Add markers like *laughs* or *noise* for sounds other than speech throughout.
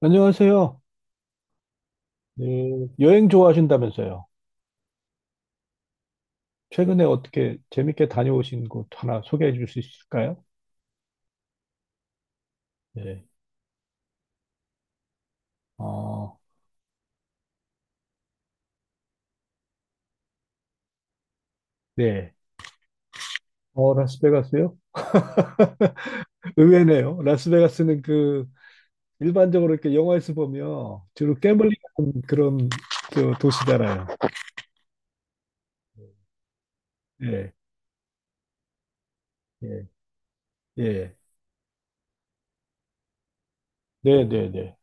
안녕하세요. 네, 여행 좋아하신다면서요. 최근에 어떻게 재밌게 다녀오신 곳 하나 소개해 줄 수 있을까요? 네. 어, 네. 어, 라스베가스요? *laughs* 의외네요. 라스베가스는 그 일반적으로 이렇게 영화에서 보면 주로 gambling 하는 그런 그 도시잖아요. 예, 예, 예. 네, 네, 네. 네.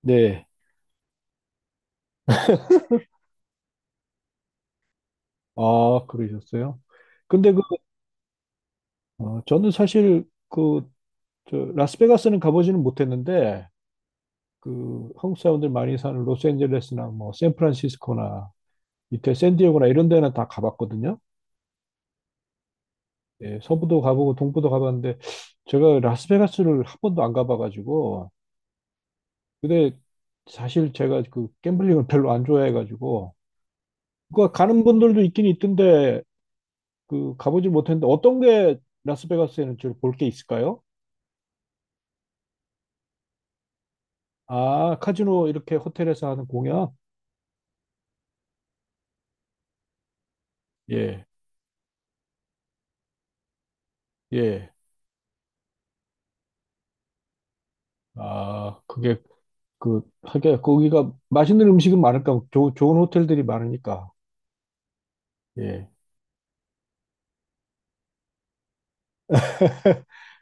네. 아, 그러셨어요? 근데 그, 어, 저는 사실 그, 저, 라스베가스는 가보지는 못했는데, 그 한국 사람들 많이 사는 로스앤젤레스나 뭐 샌프란시스코나 밑에 샌디에고나 이런 데는 다 가봤거든요. 예, 서부도 가보고 동부도 가봤는데 제가 라스베가스를 한 번도 안 가봐가지고 근데 사실 제가 그 gambling 을 별로 안 좋아해가지고 그 가는 분들도 있긴 있던데 그 가보질 못했는데 어떤 게 라스베가스에는 주로 볼 게 있을까요? 아, 카지노 이렇게 호텔에서 하는 공연? 예, 예. 아 그게 그, 하게, 거기가 맛있는 음식은 많을까, 조, 좋은 호텔들이 많으니까. 예.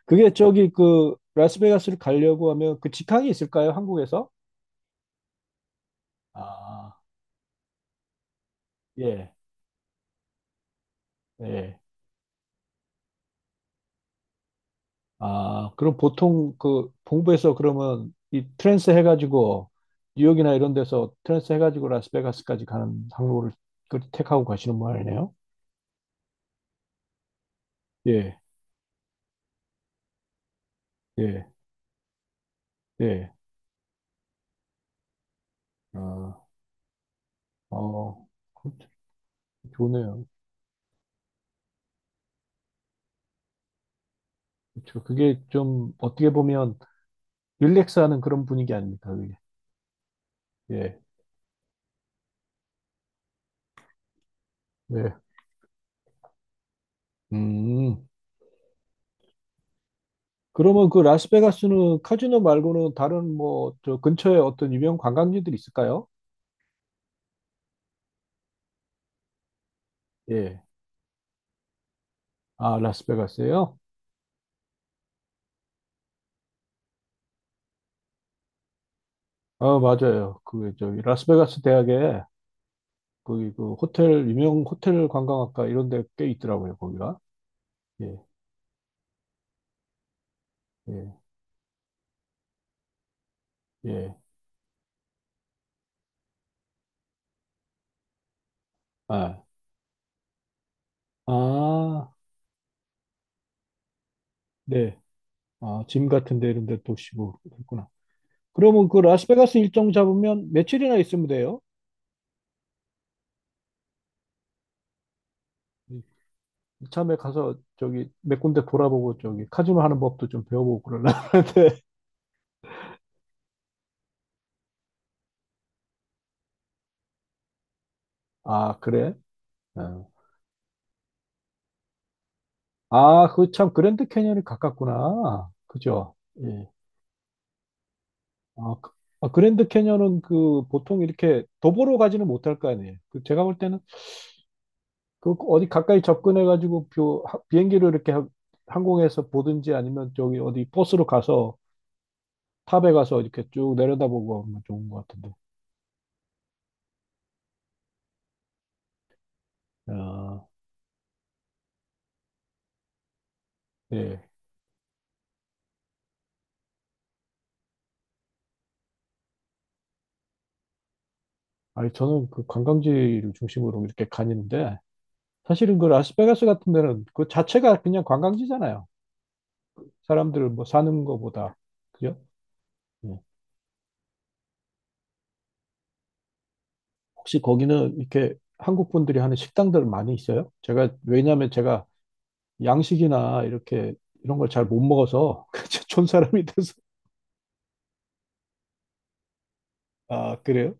그게 저기 그, 라스베가스를 가려고 하면 그 직항이 있을까요? 한국에서? 아, 예, 예. 아, 그럼 보통 그, 동부에서 그러면 이 트랜스 해가지고, 뉴욕이나 이런 데서 트랜스 해가지고 라스베가스까지 가는 항로를 그 택하고 가시는 모양이네요. 예, 예, 예. 아, 어, 좋네요. 그쵸. 그게 좀 어떻게 보면 릴렉스하는 그런 분위기 아닙니까, 그게? 예, 예. 음. 그러면 그 라스베가스는 카지노 말고는 다른 뭐 저 근처에 어떤 유명 관광지들이 있을까요? 예. 아, 라스베가스예요? 아, 맞아요. 그 저기 라스베가스 대학에 거기 그 호텔 유명 호텔 관광학과 이런 데 꽤 있더라고요, 거기가. 예. 예. 예. 아. 아, 네. 아, 짐 같은 데 이런 데도 쉬고 그랬구나. 그러면 그 라스베가스 일정 잡으면 며칠이나 있으면 돼요? 이참에 가서 저기 몇 군데 돌아보고 저기 카지노 하는 법도 좀 배워보고 그러려고 하는데 *laughs* 아 그래? 어. 아, 그 참 그랜드 캐니언이 가깝구나. 그죠? 예. 아, 그, 아, 그랜드 캐니언은 그 보통 이렇게 도보로 가지는 못할 거 아니에요. 그 제가 볼 때는 그 어디 가까이 접근해 가지고 비행기로 이렇게 항공에서 보든지 아니면 저기 어디 버스로 가서 탑에 가서 이렇게 쭉 내려다보고 하면 좋은 것 같은데. 아, 예. 아니, 저는 그 관광지를 중심으로 이렇게 가는데, 사실은 그 라스베가스 같은 데는 그 자체가 그냥 관광지잖아요. 사람들 뭐 사는 거보다. 그죠? 예. 혹시 거기는 이렇게 한국 분들이 하는 식당들 많이 있어요? 제가, 왜냐면 제가 양식이나 이렇게 이런 걸 잘 못 먹어서, *laughs* 촌 사람이 돼서. 아, 그래요?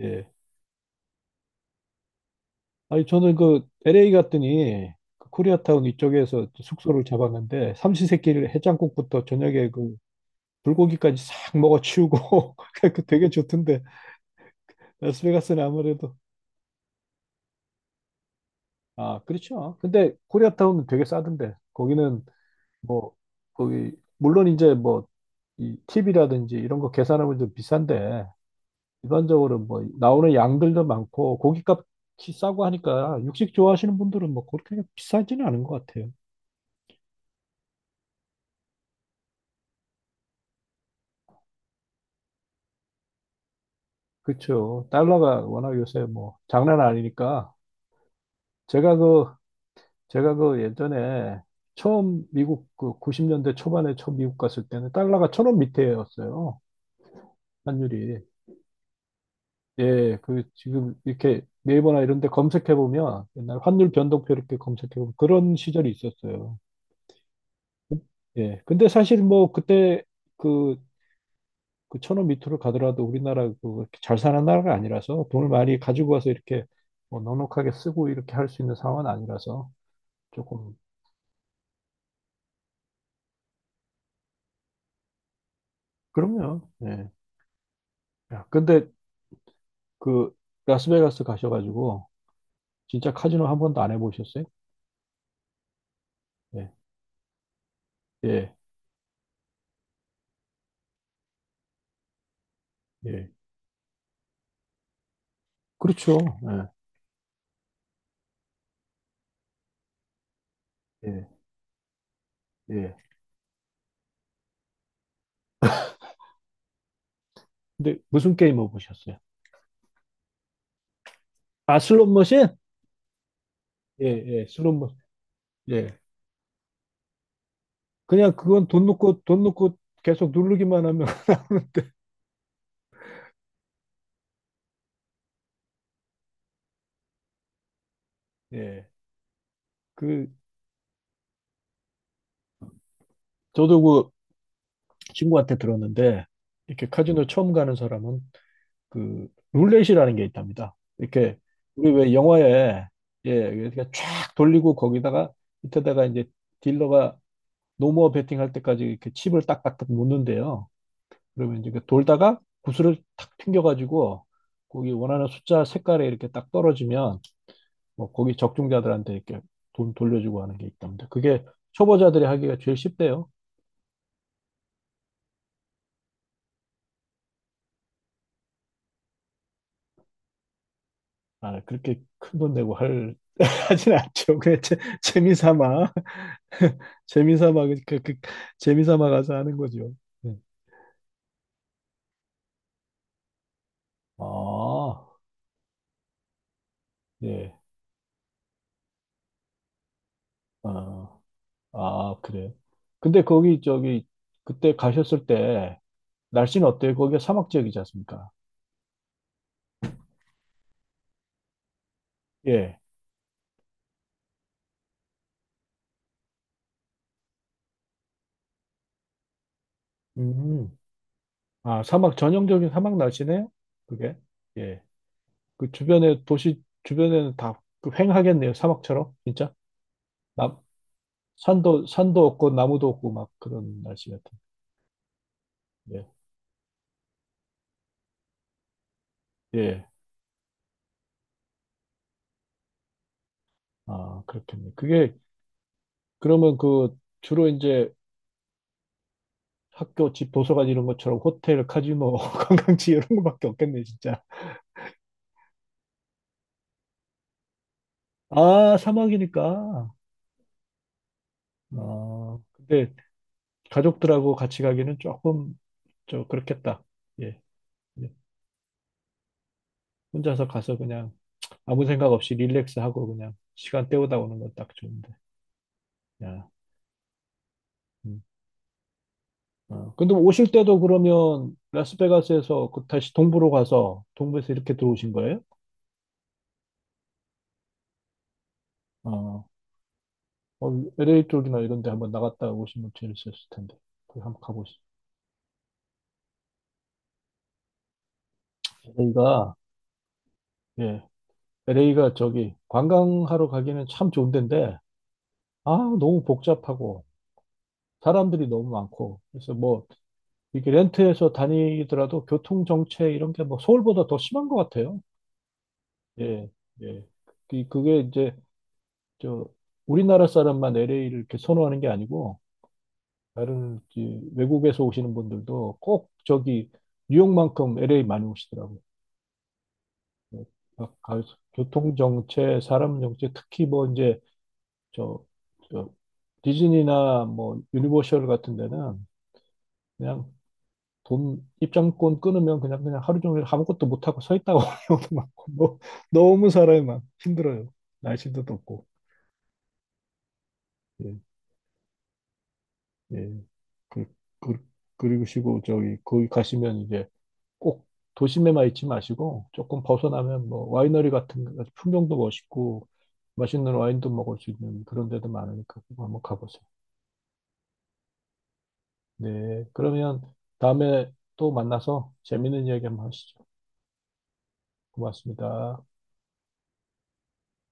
예. 아니, 저는 그 LA 갔더니, 그 코리아타운 이쪽에서 숙소를 잡았는데, 삼시세끼를 해장국부터 저녁에 그 불고기까지 싹 먹어 치우고 *laughs* 그 되게 좋던데 라스베가스는 아무래도 아, 그렇죠. 근데 코리아타운은 되게 싸던데 거기는 뭐 거기 물론 이제 뭐이 팁이라든지 이런 거 계산하면 좀 비싼데 일반적으로 뭐 나오는 양들도 많고 고기값이 싸고 하니까 육식 좋아하시는 분들은 뭐 그렇게 비싸지는 않은 것 같아요. 그렇죠. 달러가 워낙 요새 뭐 장난 아니니까 제가 그 제가 그 예전에 처음 미국 그 90년대 초반에 처음 미국 갔을 때는 달러가 천원 밑에였어요. 환율이. 예, 그 지금 이렇게 네이버나 이런 데 검색해 보면 옛날 환율 변동표 이렇게 검색해 보면 그런 시절이 있었어요. 예. 근데 사실 뭐 그때 그, 그 천원 밑으로 가더라도 우리나라 그 이렇게 잘 사는 나라가 아니라서 돈을 많이 가지고 와서 이렇게 뭐 넉넉하게 쓰고 이렇게 할 수 있는 상황은 아니라서 조금 그럼요. 예. 야, 근데 그 라스베가스 가셔가지고 진짜 카지노 한 번도 안 해보셨어요? 예, 예, 예. 그렇죠. 예, 예, 예. 근데 무슨 게임 해보셨어요? 아, 슬롯 머신? 예, 예, 슬롯 머신. 예. 그냥 그건 돈 넣고 돈 넣고 계속 누르기만 하면 *laughs* 나오는데. 예. 그 저도 그 친구한테 들었는데 이렇게 카지노 처음 가는 사람은 그 룰렛이라는 게 있답니다. 이렇게 우리 왜 영화에 예, 이렇게 쫙 돌리고 거기다가 밑에다가 이제 딜러가 노모어 베팅 할 때까지 이렇게 칩을 딱딱딱 놓는데요. 그러면 이제 그 돌다가 구슬을 탁 튕겨가지고 거기 원하는 숫자 색깔에 이렇게 딱 떨어지면 뭐 거기 적중자들한테 이렇게 돈 돌려주고 하는 게 있답니다. 그게 초보자들이 하기가 제일 쉽대요. 아, 그렇게 큰 돈 내고 할, *laughs* 하진 않죠. 그냥 재, 재미삼아. *laughs* 재미삼아 그 재미삼아 가서 하는 거죠. 네. 아, 예. 아, 아, 그래. 근데 거기 저기 그때 가셨을 때 날씨는 어때요? 거기가 사막 지역이지 않습니까? 예. 음. 아, 사막 전형적인 사막 날씨네요? 그게? 예. 그 주변에 도시 주변에는 다그 휑하겠네요. 사막처럼 진짜? 남 산도 없고 나무도 없고 막 그런 날씨 같은. 예. 예. 아, 그렇겠네. 그게 그러면 그 주로 이제 학교 집 도서관 이런 것처럼 호텔, 카지노, *laughs* 관광지 이런 거밖에 없겠네, 진짜. 아, 사막이니까. 아, 근데 가족들하고 같이 가기는 조금 저 그렇겠다. 예. 예. 혼자서 가서 그냥 아무 생각 없이 릴렉스하고 그냥 시간 때우다 오는 건 딱 좋은데. 야. 음. 어. 근데 오실 때도 그러면 라스베가스에서 그 다시 동부로 가서 동부에서 이렇게 들어오신 거예요? 아, 어, LA 쪽이나 이런 데 한번 나갔다 오시면 재밌었을 텐데. 거기 한번 가보시죠. LA가, 예, LA가 저기 관광하러 가기는 참 좋은 데인데, 아, 너무 복잡하고, 사람들이 너무 많고, 그래서 뭐, 이렇게 렌트해서 다니더라도 교통 정체 이런 게 뭐 서울보다 더 심한 것 같아요. 예, 예. 그게 이제, 저, 우리나라 사람만 LA를 이렇게 선호하는 게 아니고, 다른 이제 외국에서 오시는 분들도 꼭 저기 뉴욕만큼 LA 많이 오시더라고요. 각 갈- 교통 정체, 사람 정체, 특히 뭐 이제 저, 저 디즈니나 뭐 유니버셜 같은 데는 그냥 돈 입장권 끊으면 그냥 그냥 하루 종일 아무것도 못 하고 서 있다가 *laughs* 오는 경우도 많고 *laughs* 뭐 너무 사람이 많 힘들어요. 날씨도 덥고 예, 예. 그, 그, 그리고 시고 저기 거기 가시면 이제 꼭 도심에만 있지 마시고 조금 벗어나면 뭐 와이너리 같은 거, 풍경도 멋있고 맛있는 와인도 먹을 수 있는 그런 데도 많으니까 꼭 한번 가보세요. 네, 그러면 다음에 또 만나서 재밌는 이야기 한번 하시죠. 고맙습니다.